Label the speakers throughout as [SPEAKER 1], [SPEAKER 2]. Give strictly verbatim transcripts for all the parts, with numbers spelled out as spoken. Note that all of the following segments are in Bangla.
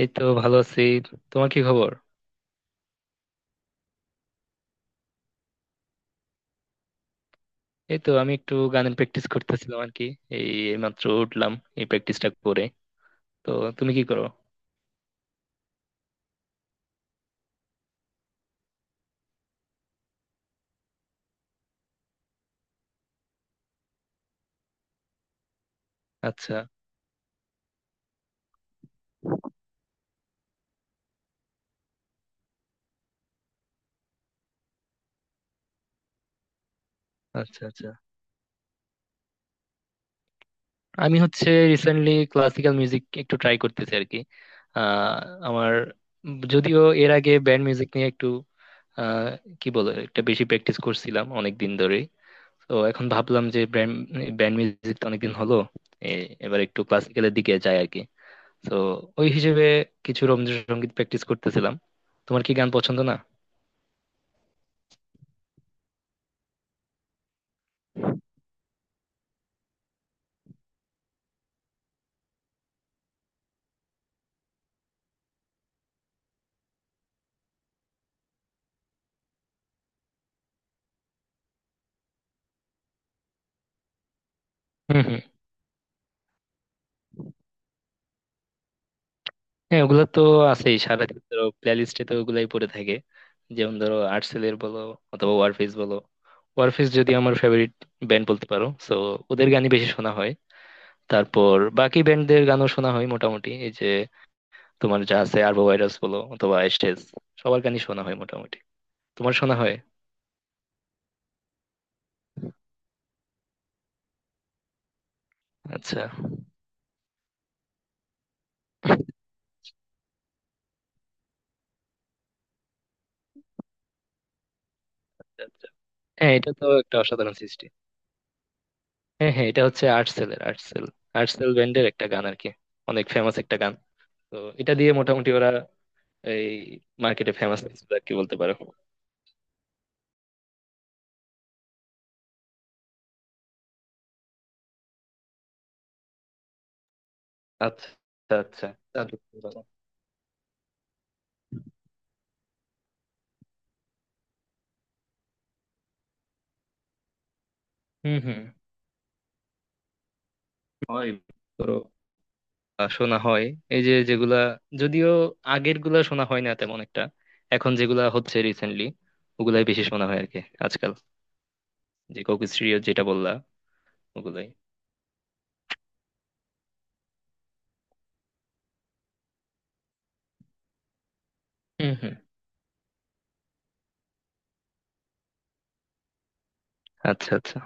[SPEAKER 1] এই তো ভালো আছি। তোমার কি খবর? এই তো আমি একটু গানের প্র্যাকটিস করতেছিলাম আর কি, এই মাত্র উঠলাম এই প্র্যাকটিসটা করে। তো তুমি কি করো? আচ্ছা আচ্ছা আচ্ছা, আমি হচ্ছে রিসেন্টলি ক্লাসিক্যাল মিউজিক একটু ট্রাই করতেছি আর কি। আহ আমার, যদিও এর আগে ব্যান্ড মিউজিক নিয়ে একটু আহ কি বলে একটা বেশি প্র্যাকটিস করছিলাম অনেক দিন ধরেই। তো এখন ভাবলাম যে ব্যান্ড ব্যান্ড মিউজিক তো অনেকদিন হলো, এ- এবার একটু ক্লাসিক্যালের দিকে যাই আর কি। তো ওই হিসেবে কিছু রবীন্দ্রসঙ্গীত প্র্যাকটিস করতেছিলাম। তোমার কি গান পছন্দ না? হুম হুম। হ্যাঁ, ওগুলা তো আছেই, সারাদিন ধরো প্লে লিস্টে তো ওগুলাই পড়ে থাকে। যেমন ধরো আর্টসেলের বলো অথবা ওয়ারফেজ বলো, ওয়ারফেজ যদি আমার ফেভারিট ব্যান্ড বলতে পারো, সো ওদের গানই বেশি শোনা হয়। তারপর বাকি ব্যান্ডদের গানও শোনা হয় মোটামুটি, এই যে তোমার যা আছে আরবো ভাইরাস বলো অথবা স্টেজ, সবার গানই শোনা হয় মোটামুটি। তোমার শোনা হয়? আচ্ছা আচ্ছা। হ্যাঁ, এটা তো একটা অসাধারণ সৃষ্টি। হ্যাঁ হ্যাঁ, এটা হচ্ছে আর্টসেল এর, আর্টসেল, আর্টসেল ব্যান্ডের একটা গান আর কি। অনেক ফেমাস একটা গান। তো এটা দিয়ে মোটামুটি ওরা এই মার্কেটে ফেমাস হয়েছিল আর কি বলতে পারো। আচ্ছা আচ্ছা, তা দেখতে পারো। হুম হুম, হয়, ধরো, আহ, শোনা হয়। এই যে যেগুলা, যদিও আগের গুলা শোনা হয় না তেমন একটা, এখন যেগুলা হচ্ছে রিসেন্টলি, ওগুলাই বেশি শোনা হয় আর কি আজকাল। যে কোক স্টুডিও যেটা বললা, ওগুলাই। হুম হুম। আচ্ছা আচ্ছা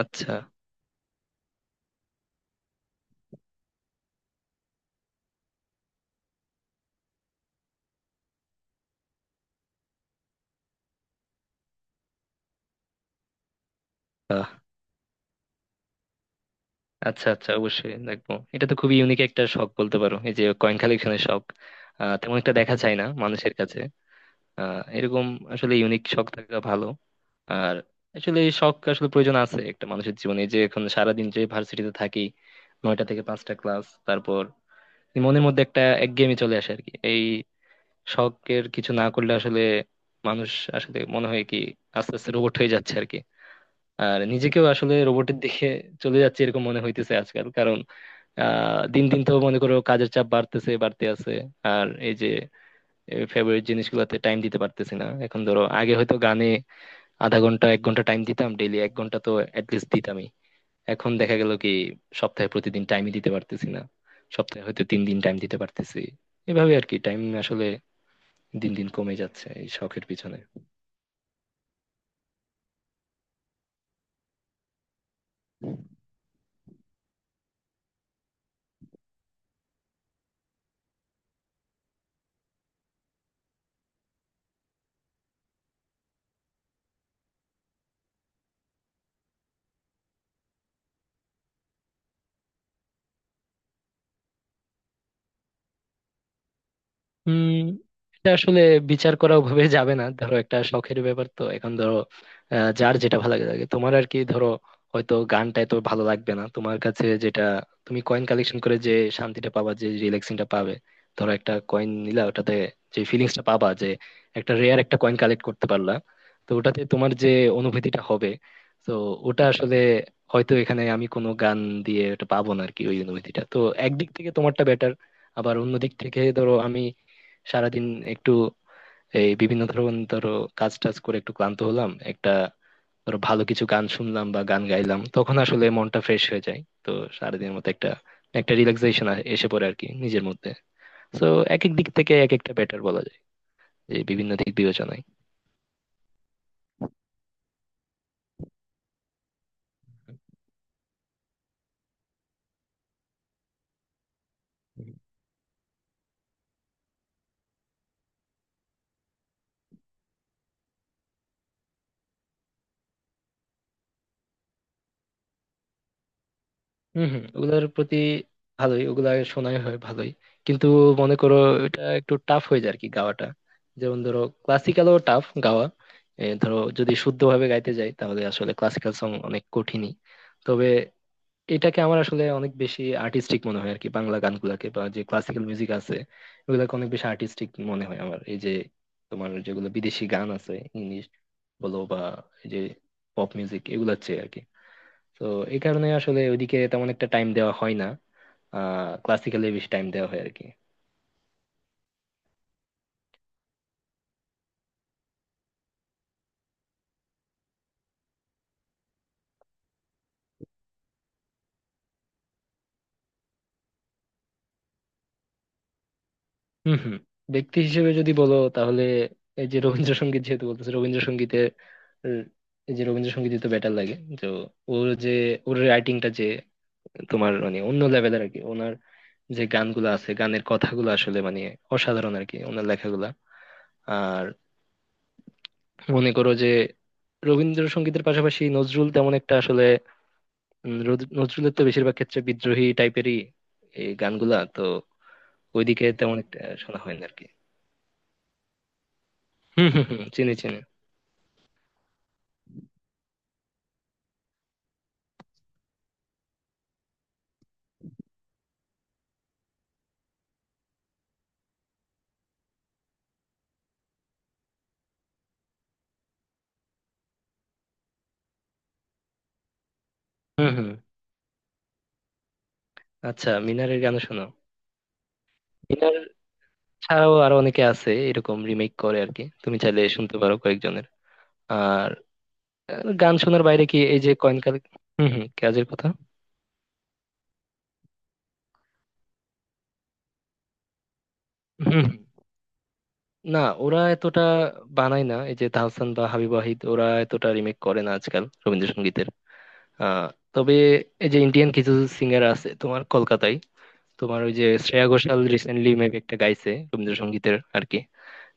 [SPEAKER 1] আচ্ছা আচ্ছা আচ্ছা, অবশ্যই দেখবো। এটা তো খুবই ইউনিক একটা শখ বলতে পারো, এই যে কয়েন কালেকশনের শখ। আহ, তেমন একটা দেখা যায় না মানুষের কাছে আহ, এরকম। আসলে ইউনিক শখ থাকা ভালো। আর আসলে এই শখ আসলে প্রয়োজন আছে একটা মানুষের জীবনে। এই যে এখন সারাদিন যে ভার্সিটিতে থাকি, নয়টা থেকে পাঁচটা ক্লাস, তারপর মনের মধ্যে একটা একঘেয়েমি চলে আসে আর কি। এই শখের কিছু না করলে আসলে মানুষ, আসলে মনে হয় কি, আস্তে আস্তে রোবট হয়ে যাচ্ছে আর কি। আর নিজেকেও আসলে রোবটের দিকে চলে যাচ্ছে এরকম মনে হইতেছে আজকাল। কারণ আহ দিন দিন তো মনে করো কাজের চাপ বাড়তেছে, বাড়তে আছে। আর এই যে ফেভারিট জিনিসগুলোতে টাইম দিতে পারতেছি না। এখন ধরো, আগে হয়তো গানে আধা ঘন্টা এক ঘন্টা টাইম দিতাম ডেইলি, এক ঘন্টা তো অ্যাটলিস্ট দিতামই। এখন দেখা গেল কি সপ্তাহে প্রতিদিন টাইমই দিতে পারতেছি না, সপ্তাহে হয়তো তিন দিন টাইম দিতে পারতেছি। এভাবে আর কি টাইম আসলে দিন দিন কমে যাচ্ছে এই শখের পিছনে। উম এটা আসলে বিচার করা ওভাবে যাবে না। ধরো একটা শখের ব্যাপার তো, এখন ধরো আহ, যার যেটা ভালো লাগে লাগে। তোমার আর কি ধরো হয়তো গানটা এত ভালো লাগবে না তোমার কাছে, যেটা তুমি কয়েন কালেকশন করে যে শান্তিটা পাবা, যে রিল্যাক্সিংটা পাবে। ধরো একটা কয়েন নিলা, ওটাতে যে ফিলিংসটা পাবা, যে একটা রেয়ার একটা কয়েন কালেক্ট করতে পারলা, তো ওটাতে তোমার যে অনুভূতিটা হবে, তো ওটা আসলে হয়তো এখানে আমি কোনো গান দিয়ে ওটা পাবো না আর কি, ওই অনুভূতিটা। তো একদিক থেকে তোমারটা বেটার। আবার অন্য দিক থেকে ধরো আমি সারাদিন একটু এই বিভিন্ন ধরনের ধরো কাজ টাজ করে একটু ক্লান্ত হলাম, একটা ধরো ভালো কিছু গান শুনলাম বা গান গাইলাম, তখন আসলে মনটা ফ্রেশ হয়ে যায়। তো সারাদিনের মতো একটা, একটা রিল্যাক্সেশন এসে পড়ে আর কি নিজের মধ্যে। তো এক এক দিক থেকে এক একটা বেটার বলা যায়, যে বিভিন্ন দিক বিবেচনায়। হম হম, ওগুলার প্রতি ভালোই, ওগুলা শোনাই হয় ভালোই। কিন্তু মনে করো এটা একটু টাফ হয়ে যায় আর কি গাওয়াটা। যেমন ধরো ক্লাসিক্যালও টাফ গাওয়া, এ, ধরো যদি শুদ্ধভাবে গাইতে যাই তাহলে আসলে ক্লাসিক্যাল সং অনেক কঠিনই। তবে এটাকে আমার আসলে অনেক বেশি আর্টিস্টিক মনে হয় আর কি, বাংলা গানগুলাকে বা যে ক্লাসিক্যাল মিউজিক আছে ওগুলাকে অনেক বেশি আর্টিস্টিক মনে হয় আমার। এই যে তোমার যেগুলো বিদেশি গান আছে, ইংলিশ বলো বা এই যে পপ মিউজিক, এগুলোর চেয়ে আর কি। তো এই কারণে আসলে ওইদিকে তেমন একটা টাইম দেওয়া হয় না, আহ ক্লাসিক্যালি বেশি টাইম দেওয়া হয় আর কি। হম হম, ব্যক্তি হিসেবে যদি বলো তাহলে এই যে রবীন্দ্রসঙ্গীত, যেহেতু বলতেছে রবীন্দ্রসঙ্গীতের, উম, এই যে রবীন্দ্রসঙ্গীতই তো বেটার লাগে। তো ওর যে ওর রাইটিংটা যে তোমার, মানে অন্য লেভেলের আর কি ওনার। যে গানগুলো আছে, গানের কথাগুলো আসলে মানে অসাধারণ আর কি ওনার লেখাগুলা। আর মনে করো যে রবীন্দ্রসঙ্গীতের পাশাপাশি নজরুল তেমন একটা আসলে, উম, রোদ- নজরুলের তো বেশিরভাগ ক্ষেত্রে বিদ্রোহী টাইপেরই এই গানগুলা তো, ওইদিকে তেমন একটা শোনা হয় না আর কি। হম হম হম চিনি চিনি। হম হম, আচ্ছা, মিনারের গানও শোনো। মিনার ছাড়াও আরো অনেকে আছে এরকম রিমেক করে আর কি, তুমি চাইলে শুনতে পারো কয়েকজনের। আর আহ, গান শোনার বাইরে কি এই যে কয়েনকাল, হম হম, কাজের কথা। হুম, না, ওরা এতটা বানায় না, এই যে তাহসান বা হাবিব ওয়াহিদ ওরা এতটা রিমেক করে না আজকাল রবীন্দ্রসঙ্গীতের। আহ তবে এই যে ইন্ডিয়ান কিছু সিঙ্গার আছে তোমার কলকাতায়, তোমার ওই যে শ্রেয়া ঘোষাল রিসেন্টলি মেবি একটা গাইছে রবীন্দ্রসঙ্গীতের আর কি।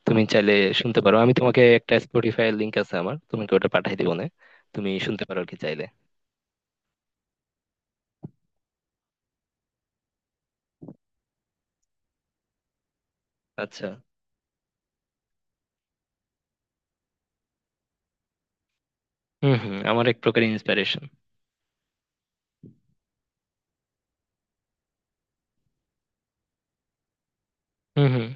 [SPEAKER 1] তুমি চাইলে শুনতে পারো, আমি তোমাকে একটা স্পটিফাই লিংক আছে আমার, তোমাকে ওটা পাঠাই দিব না, তুমি শুনতে পারো আর কি চাইলে। আচ্ছা। হুম হুম, আমার এক প্রকার ইন্সপিরেশন। হুম হুম।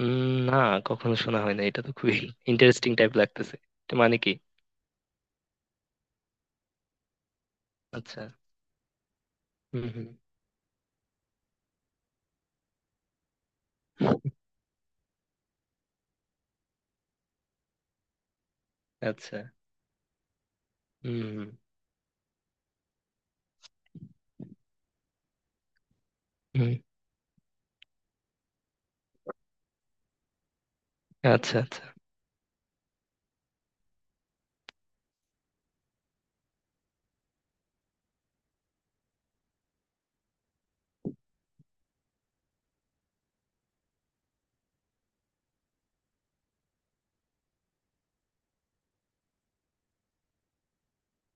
[SPEAKER 1] উম, না, কখনো শোনা হয় না, এটা তো খুবই ইন্টারেস্টিং টাইপ লাগতেছে। এটা মানে কি? আচ্ছা। হুম হুম। আচ্ছা। হুম হুম। হুম, আচ্ছা আচ্ছা।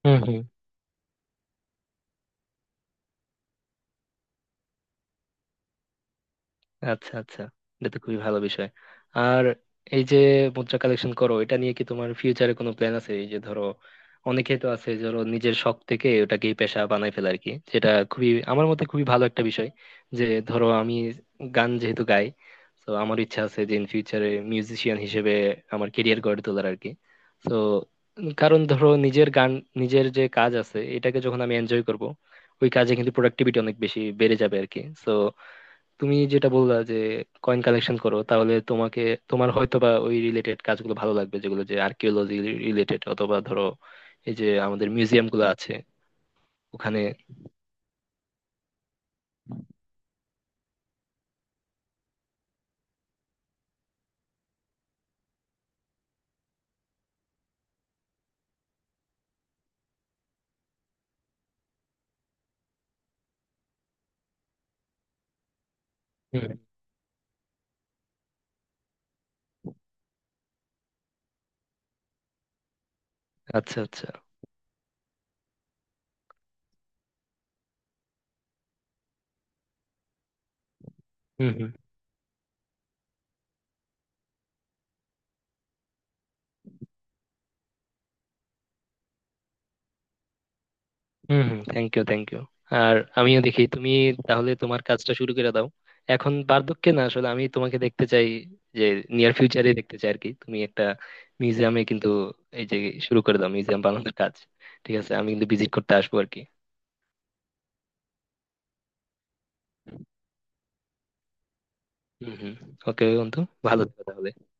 [SPEAKER 1] হুম হুম। আচ্ছা আচ্ছা, এটা তো খুবই ভালো বিষয়। আর এই যে মুদ্রা কালেকশন করো, এটা নিয়ে কি তোমার ফিউচারে কোনো প্ল্যান আছে? এই যে ধরো অনেকে তো আছে ধরো নিজের শখ থেকে ওটাকে পেশা বানাই ফেলে আর কি, যেটা খুবই আমার মতে খুবই ভালো একটা বিষয়। যে ধরো আমি গান যেহেতু গাই, তো আমার ইচ্ছা আছে যে ইন ফিউচারে মিউজিশিয়ান হিসেবে আমার কেরিয়ার গড়ে তোলার আর কি। তো কারণ ধরো নিজের গান, নিজের যে কাজ আছে এটাকে যখন আমি এনজয় করব, ওই কাজে কিন্তু প্রোডাক্টিভিটি অনেক বেশি বেড়ে যাবে আর কি। তুমি যেটা বললা যে কয়েন কালেকশন করো, তাহলে তোমাকে, তোমার হয়তো বা ওই রিলেটেড কাজগুলো ভালো লাগবে, যেগুলো যে আর্কিওলজি রিলেটেড অথবা ধরো এই যে আমাদের মিউজিয়াম গুলো আছে ওখানে। হুম, আচ্ছা আচ্ছা। হুম হুম হুম হুম, থ্যাংক ইউ থ্যাংক ইউ। আর আমিও দেখি, তুমি তাহলে তোমার কাজটা শুরু করে দাও এখন, বার্ধক্যে না, আসলে আমি তোমাকে দেখতে চাই যে নিয়ার ফিউচারে দেখতে চাই আর কি, তুমি একটা মিউজিয়ামে কিন্তু এই যে শুরু করে দাও মিউজিয়াম বানানোর কাজ। ঠিক আছে, আমি কিন্তু ভিজিট করতে আসবো আর কি। হুম হুম। ওকে বন্ধু, ভালো থেকো তাহলে।